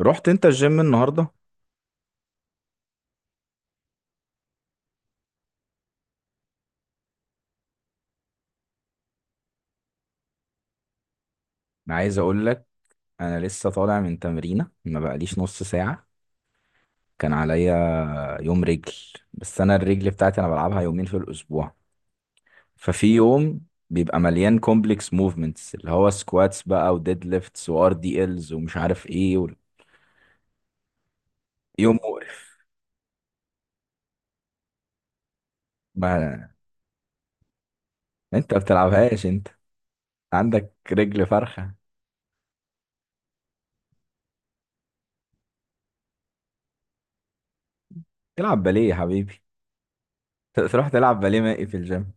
رحت انت الجيم النهارده؟ انا عايز اقول لك، انا لسه طالع من تمرينه ما بقاليش نص ساعه. كان عليا يوم رجل. بس انا الرجل بتاعتي انا بلعبها يومين في الاسبوع. ففي يوم بيبقى مليان كومبلكس موفمنتس اللي هو سكواتس بقى وديد ليفتس وار دي الز ومش عارف ايه و... يوم مقرف. ما انت ما بتلعبهاش، انت عندك رجل فرخه، تلعب باليه يا حبيبي تروح تلعب باليه مائي في الجيم.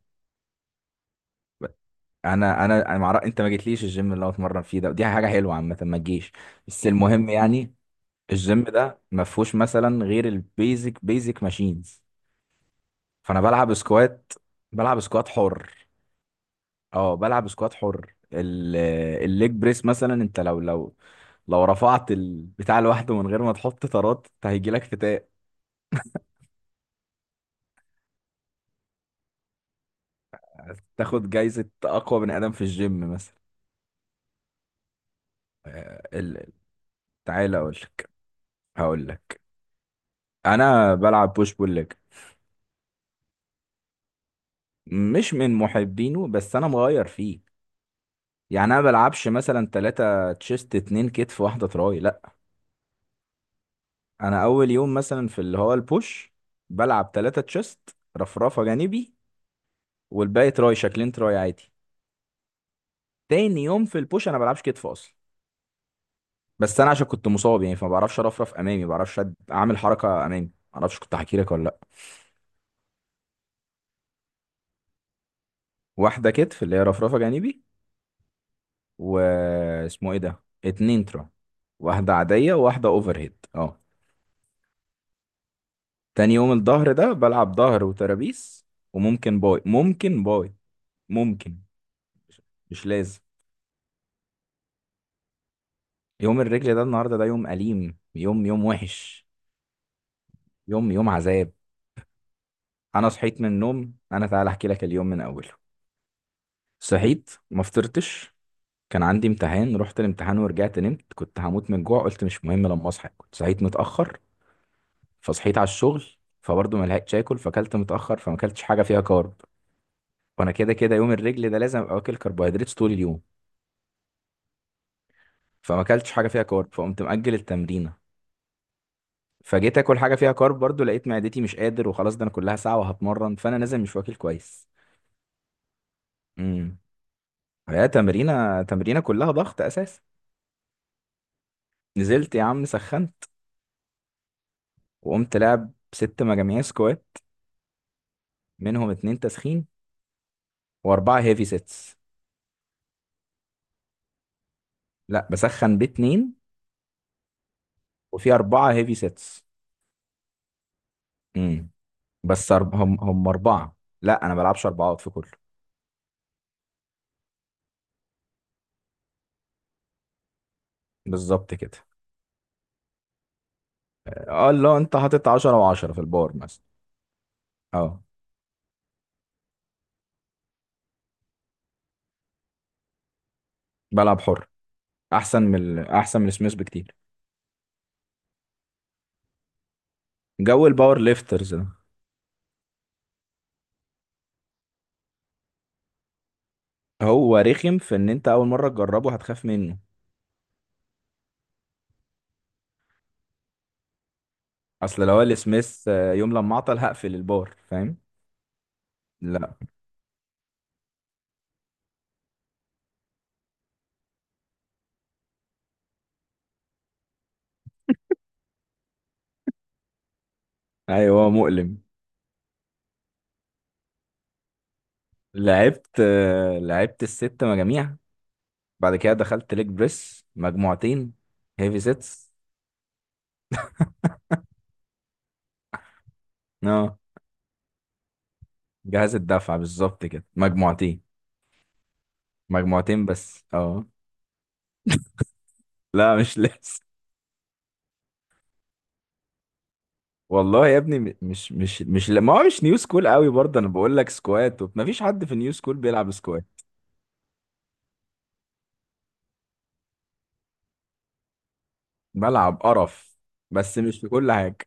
انا معرف... انت ما جيتليش الجيم اللي هو اتمرن فيه ده، ودي حاجه حلوه عامه ما تجيش. بس المهم يعني، الجيم ده ما فيهوش مثلا غير البيزك بيزك ماشينز. فانا بلعب سكوات، بلعب سكوات حر. اه بلعب سكوات حر، الليج بريس مثلا، انت لو لو رفعت البتاع لوحده من غير ما تحط طارات انت هيجيلك فتاء، تاخد جايزه اقوى بني ادم في الجيم مثلا. آه، ال... تعالى اقول لك. هقول لك، انا بلعب بوش بول ليج. مش من محبينه بس انا مغير فيه. يعني انا ما بلعبش مثلا ثلاثة تشيست اتنين كتف واحدة تراي، لا. انا اول يوم مثلا في اللي هو البوش، بلعب ثلاثة تشيست، رفرفة جانبي، والباقي تراي، شكلين تراي عادي. تاني يوم في البوش انا بلعبش كتف اصلا. بس انا عشان كنت مصاب يعني فما بعرفش ارفرف امامي، ما بعرفش اعمل حركة امامي. ما اعرفش كنت هحكي لك ولا لا. واحدة كتف اللي هي رفرفة جانبي، واسمه ايه ده، اتنين تراي، واحدة عادية وواحدة اوفر هيد اه. تاني يوم الظهر ده بلعب ظهر وترابيس، وممكن باي ممكن باي ممكن، مش لازم. يوم الرجل ده النهارده ده يوم أليم، يوم يوم وحش، يوم يوم عذاب. أنا صحيت من النوم، أنا تعالى أحكي لك اليوم من أوله. صحيت ما فطرتش. كان عندي امتحان، رحت الامتحان ورجعت نمت، كنت هموت من الجوع، قلت مش مهم لما أصحى، كنت صحيت متأخر. فصحيت على الشغل، فبرضه ما لحقتش آكل، فأكلت متأخر، فما أكلتش حاجة فيها كارب. وأنا كده كده يوم الرجل ده لازم أبقى واكل كربوهيدرات طول اليوم. فما اكلتش حاجه فيها كارب، فقمت مأجل التمرينه. فجيت اكل حاجه فيها كارب برضو، لقيت معدتي مش قادر وخلاص، ده انا كلها ساعه وهتمرن فانا نازل مش واكل كويس. امم، هي تمرينه كلها ضغط اساسا. نزلت يا عم، سخنت وقمت لعب ست مجاميع سكوات، منهم اتنين تسخين واربعه هيفي سيتس. لا بسخن باتنين وفي اربعه هيفي سيتس. امم، بس هم اربعه. لا انا بلعبش اربعات في كله، بالظبط كده. اه لا انت حاطط 10 و10 في البار مثلا. اه بلعب حر، احسن من احسن من سميث بكتير، جو الباور ليفترز ده. هو رخم في ان انت اول مره تجربه هتخاف منه. اصل لو قال سميث يوم لما عطل هقفل البار فاهم، لا. ايوه هو مؤلم. لعبت، لعبت الست مجاميع. بعد كده دخلت ليج بريس مجموعتين هيفي سيتس، اه. جهاز الدفع بالظبط كده، مجموعتين. مجموعتين بس اه. لا مش لسه. والله يا ابني، م- مش مش مش لا- ما هو مش نيو سكول قوي برضه، انا بقول لك سكوات ما فيش حد في نيو سكول بيلعب سكوات، ملعب قرف، بس مش في كل حاجه.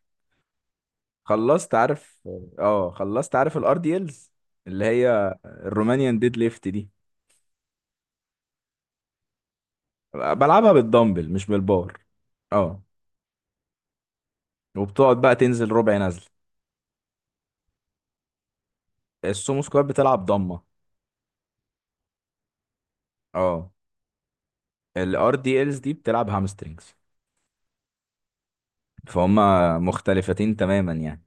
خلصت عارف، اه خلصت عارف الار دي الز، اللي هي الرومانيان ديد ليفت دي. بلعبها بالدمبل مش بالبار. اه وبتقعد بقى تنزل ربع نزل. السومو سكوات بتلعب ضمه، اه. الار دي الز دي بتلعب هامسترينجز. فهما مختلفتين تماما يعني.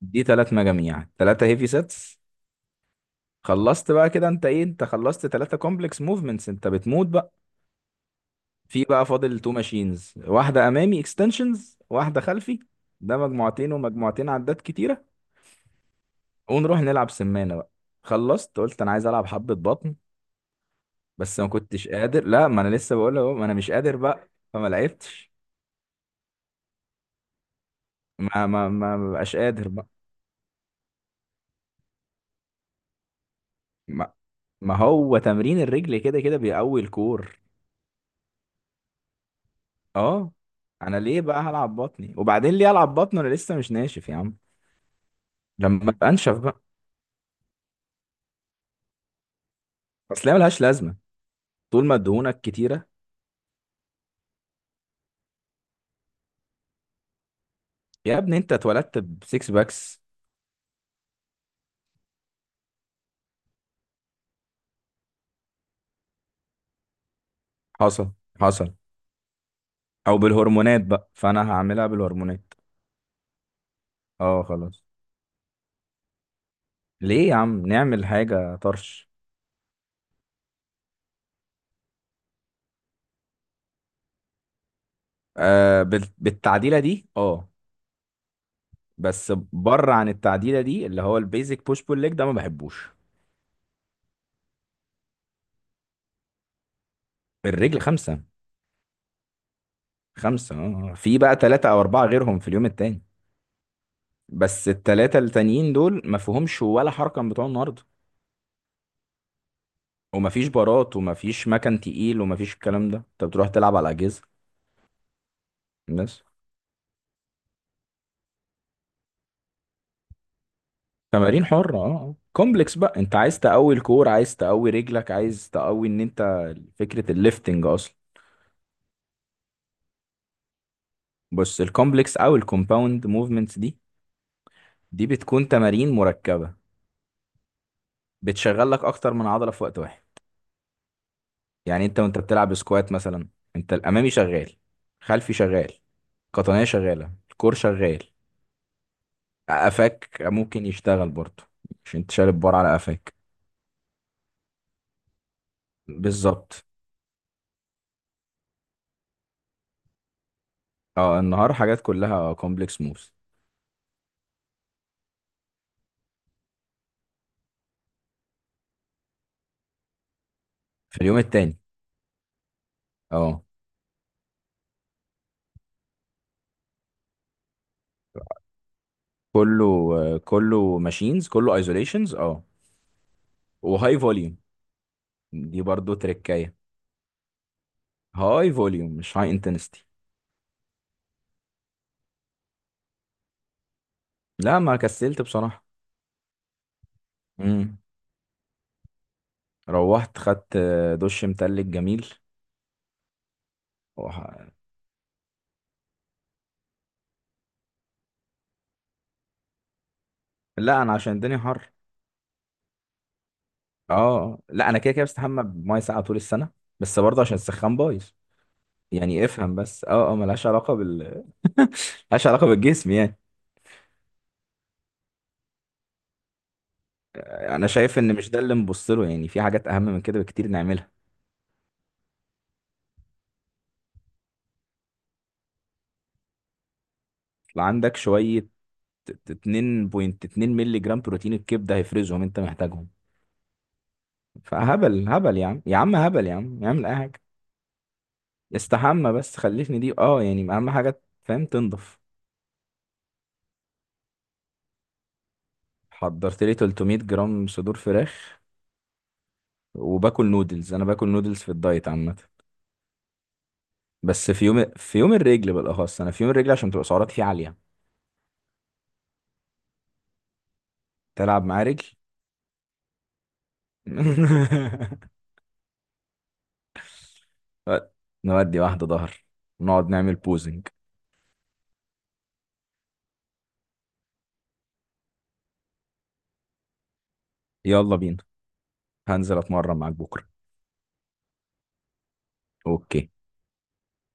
دي تلات مجاميع تلاتة هيفي سيتس. خلصت بقى كده، انت ايه، انت خلصت ثلاثة كومبلكس موفمنتس، انت بتموت بقى. في بقى فاضل تو ماشينز، واحدة امامي اكستنشنز واحدة خلفي. ده مجموعتين ومجموعتين عدات كتيرة. ونروح نلعب سمانة بقى. خلصت قلت انا عايز العب حبة بطن، بس ما كنتش قادر. لا ما انا لسه بقول اهو، ما انا مش قادر بقى، فما لعبتش. ما بقاش قادر بقى. ما, ما هو تمرين الرجل كده كده بيقوي الكور، اه. انا ليه بقى هلعب بطني، وبعدين ليه العب بطن، انا لسه مش ناشف يا عم، لما ابقى انشف بقى. اصل هي ملهاش لازمه. طول ما دهونك كتيره يا ابني انت اتولدت بسكس باكس. حصل حصل. او بالهرمونات بقى، فانا هعملها بالهرمونات. اه خلاص. ليه يا عم نعمل حاجه طرش. آه بالتعديله دي اه. بس بره عن التعديله دي اللي هو البيزك بوش بول ليج ده، ما بحبوش. الرجل خمسه. خمسه اه آه. في بقى ثلاثه او اربعه غيرهم في اليوم التاني. بس الثلاثه التانيين دول ما فيهمش ولا حركه من بتوع النهارده. ومفيش بارات ومفيش مكان تقيل ومفيش الكلام ده، انت بتروح تلعب على اجهزه. بس تمارين حره اه آه. كومبلكس بقى، انت عايز تقوي الكور، عايز تقوي رجلك، عايز تقوي ان انت، فكره الليفتنج اصلا. بص الكومبلكس او الكومباوند موفمنتس دي، دي بتكون تمارين مركبه، بتشغل لك اكتر من عضله في وقت واحد. يعني انت وانت بتلعب سكوات مثلا، انت الامامي شغال، خلفي شغال، قطنيه شغاله، الكور شغال. قفاك ممكن يشتغل برضه، مش انت شارب بار على قفاك. بالظبط. اه النهار حاجات كلها كومبلكس موفز. في اليوم التاني، اه كله، كله ماشينز كله ايزوليشنز اه، وهاي فوليوم. دي برضو تركايه. هاي فوليوم مش هاي انتنستي. لا ما كسلت بصراحة. امم. روحت خدت دش متلج جميل. وح- لا انا عشان الدنيا حر. اه لا انا كده كده بستحمى بميه ساقعة طول السنة، بس برضه عشان السخان بايظ. يعني افهم بس، اه اه، ملهاش علاقة بال ملهاش علاقة بالجسم يعني. انا شايف ان مش ده اللي نبص له، يعني في حاجات اهم من كده بكتير نعملها. لو عندك شويه 2.2 مللي جرام بروتين الكبده هيفرزهم انت محتاجهم. فهبل هبل يا عم، يا عم هبل يا عم، اعمل اي حاجه. استحمى بس خلفني دي اه، يعني اهم حاجه فاهم، تنضف. حضرت لي 300 جرام صدور فراخ، وباكل نودلز، انا باكل نودلز في الدايت عامه. بس في يوم، في يوم الرجل بالاخص، انا في يوم الرجل عشان تبقى سعرات فيه عاليه. تلعب معاه رجل نودي واحدة ظهر، نقعد نعمل بوزنج. يلا بينا، هنزل اتمرن معاك بكرة. اوكي.